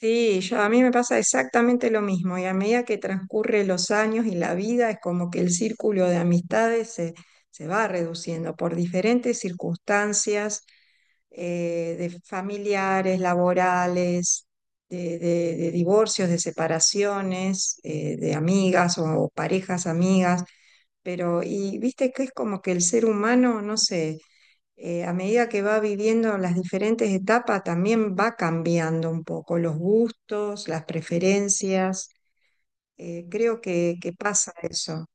Sí, yo, a mí me pasa exactamente lo mismo y a medida que transcurren los años y la vida es como que el círculo de amistades se va reduciendo por diferentes circunstancias de familiares, laborales, de divorcios, de separaciones, de amigas o parejas amigas, pero y viste que es como que el ser humano, no sé, a medida que va viviendo las diferentes etapas, también va cambiando un poco los gustos, las preferencias. Creo que pasa eso.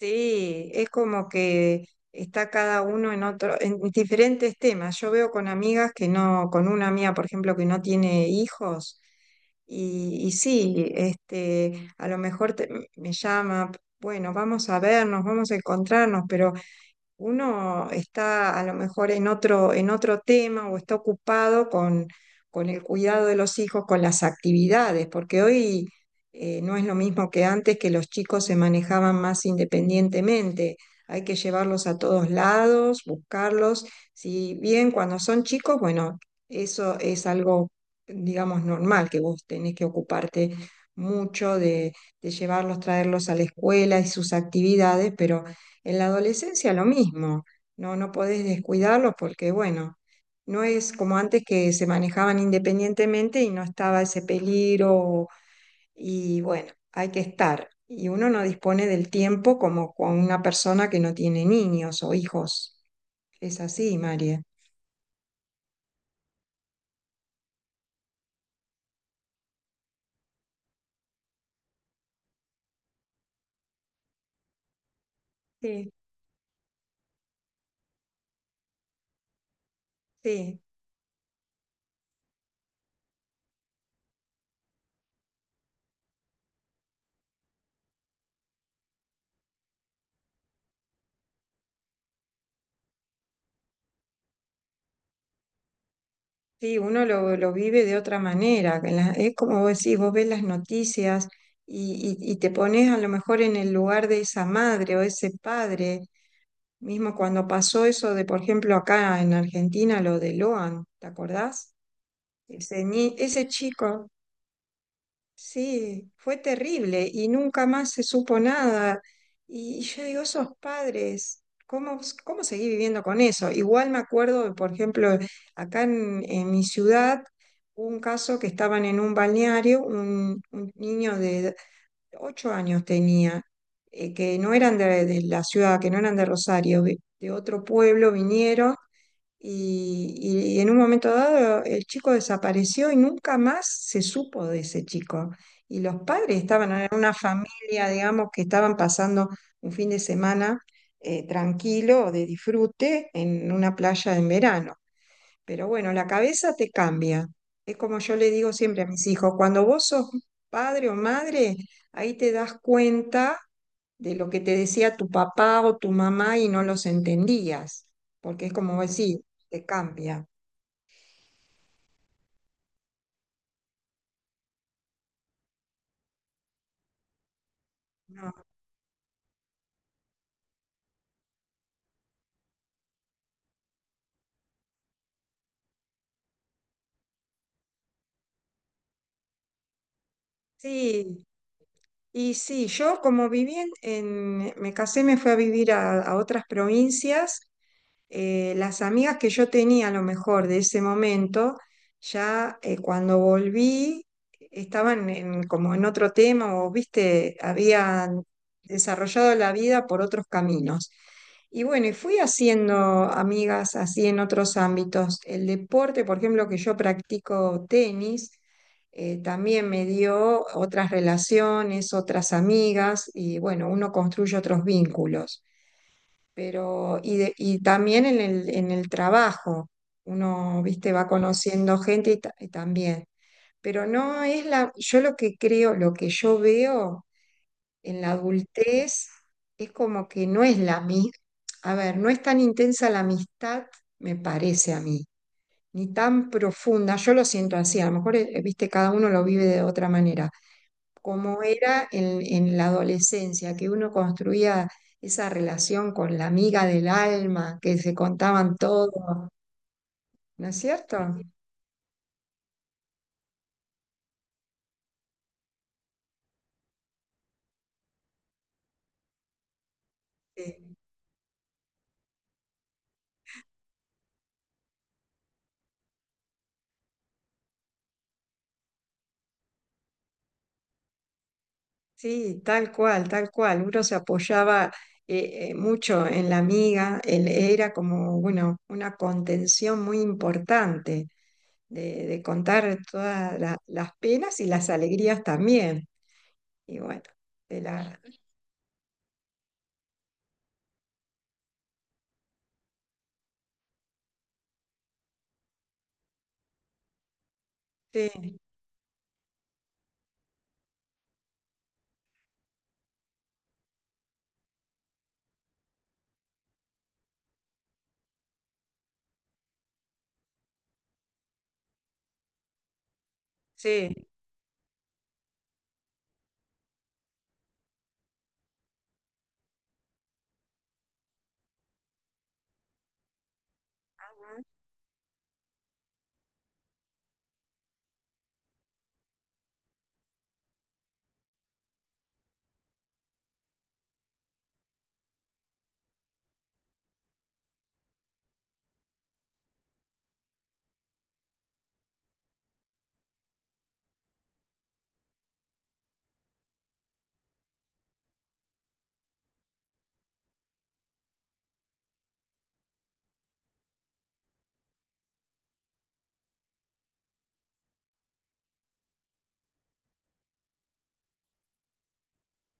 Sí, es como que está cada uno en otro, en diferentes temas. Yo veo con amigas que no, con una amiga, por ejemplo, que no tiene hijos, y sí, este, a lo mejor me llama, bueno, vamos a vernos, vamos a encontrarnos, pero uno está a lo mejor en otro tema o está ocupado con el cuidado de los hijos, con las actividades, porque hoy no es lo mismo que antes que los chicos se manejaban más independientemente. Hay que llevarlos a todos lados, buscarlos. Si bien cuando son chicos, bueno, eso es algo, digamos, normal, que vos tenés que ocuparte mucho de llevarlos, traerlos a la escuela y sus actividades, pero en la adolescencia lo mismo, no podés descuidarlos porque, bueno, no es como antes que se manejaban independientemente y no estaba ese peligro y, bueno, hay que estar. Y uno no dispone del tiempo como con una persona que no tiene niños o hijos. Es así, María. Sí, sí, sí, uno lo vive de otra manera. Es como vos decís, vos ves las noticias y te pones a lo mejor en el lugar de esa madre o ese padre. Mismo cuando pasó eso de, por ejemplo, acá en Argentina, lo de Loan, ¿te acordás? Ese, ese chico, sí, fue terrible y nunca más se supo nada. Y yo digo, esos padres, ¿cómo, cómo seguí viviendo con eso? Igual me acuerdo, por ejemplo, acá en mi ciudad, hubo un caso que estaban en un balneario, un niño de ocho años tenía, que no eran de la ciudad, que no eran de Rosario, de otro pueblo vinieron y, y en un momento dado el chico desapareció y nunca más se supo de ese chico. Y los padres estaban en una familia, digamos, que estaban pasando un fin de semana, tranquilo, de disfrute, en una playa en verano. Pero bueno, la cabeza te cambia. Es como yo le digo siempre a mis hijos, cuando vos sos padre o madre, ahí te das cuenta de lo que te decía tu papá o tu mamá y no los entendías, porque es como decir, te cambia. No. Sí, y sí, yo como viví me casé, me fui a vivir a otras provincias, las amigas que yo tenía a lo mejor de ese momento, ya, cuando volví estaban como en otro tema o, viste, habían desarrollado la vida por otros caminos. Y bueno, y fui haciendo amigas así en otros ámbitos. El deporte, por ejemplo, que yo practico tenis, también me dio otras relaciones, otras amigas y bueno, uno construye otros vínculos. Pero, y, y también en el trabajo, uno, viste, va conociendo gente y también. Pero no es la, yo lo que creo, lo que yo veo en la adultez es como que no es la misma, a ver, no es tan intensa la amistad, me parece a mí, ni tan profunda, yo lo siento así, a lo mejor, viste, cada uno lo vive de otra manera como era en la adolescencia, que uno construía esa relación con la amiga del alma, que se contaban todo, ¿no es cierto? Sí, sí, tal cual, tal cual. Uno se apoyaba mucho en la amiga, él era como, bueno, una contención muy importante de contar todas las penas y las alegrías también. Y bueno, de la, sí, sí,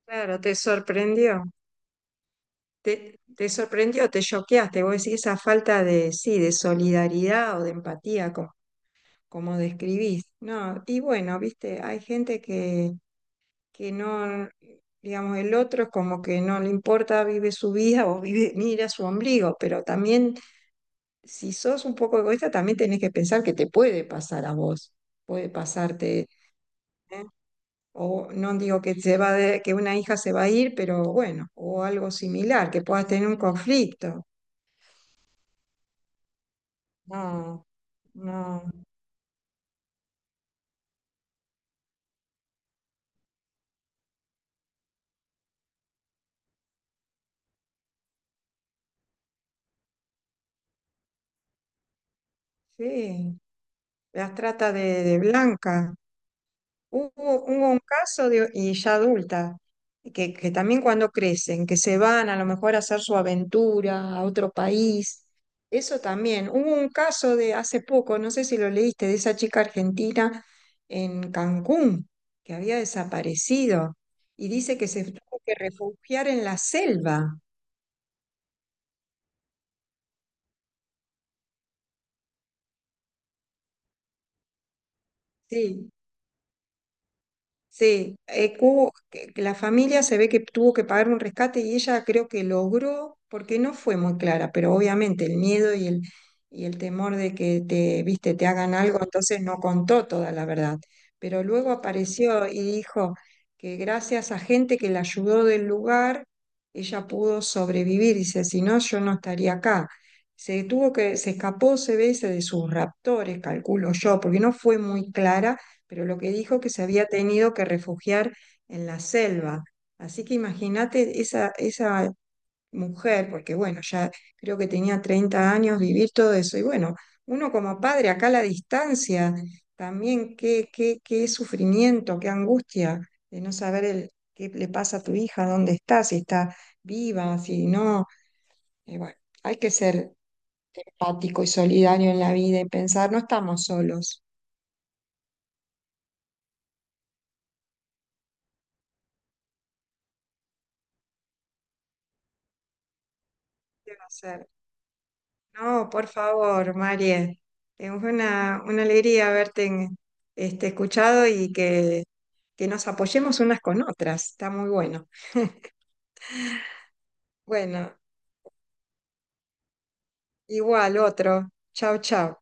claro, te sorprendió. Te sorprendió, te choqueaste, vos decís esa falta de, sí, de solidaridad o de empatía, como, como describís. No, y bueno, viste, hay gente que no, digamos, el otro es como que no le importa, vive su vida o vive, mira su ombligo, pero también, si sos un poco egoísta, también tenés que pensar que te puede pasar a vos, puede pasarte, ¿eh? O no digo que que una hija se va a ir, pero bueno, o algo similar, que puedas tener un conflicto. No, no, sí, las trata de blanca. Hubo, hubo un caso de, y ya adulta, que también cuando crecen, que se van a lo mejor a hacer su aventura a otro país, eso también. Hubo un caso de hace poco, no sé si lo leíste, de esa chica argentina en Cancún, que había desaparecido y dice que se tuvo que refugiar en la selva. Sí, sí, que la familia se ve que tuvo que pagar un rescate y ella creo que logró, porque no fue muy clara, pero obviamente el miedo y el temor de que te, viste, te hagan algo, entonces no contó toda la verdad. Pero luego apareció y dijo que gracias a gente que la ayudó del lugar, ella pudo sobrevivir. Dice, si no, yo no estaría acá. Se escapó, se ve, dice, de sus raptores, calculo yo, porque no fue muy clara, pero lo que dijo que se había tenido que refugiar en la selva. Así que imagínate esa, esa mujer, porque bueno, ya creo que tenía 30 años, vivir todo eso. Y bueno, uno como padre, acá a la distancia, también qué, qué, qué sufrimiento, qué angustia de no saber el, qué le pasa a tu hija, dónde está, si está viva, si no. Y bueno, hay que ser empático y solidario en la vida y pensar, no estamos solos. ¿Qué va a ser? No, por favor, María. Es una alegría este, escuchado y que nos apoyemos unas con otras. Está muy bueno. Bueno, igual otro. Chau, chau.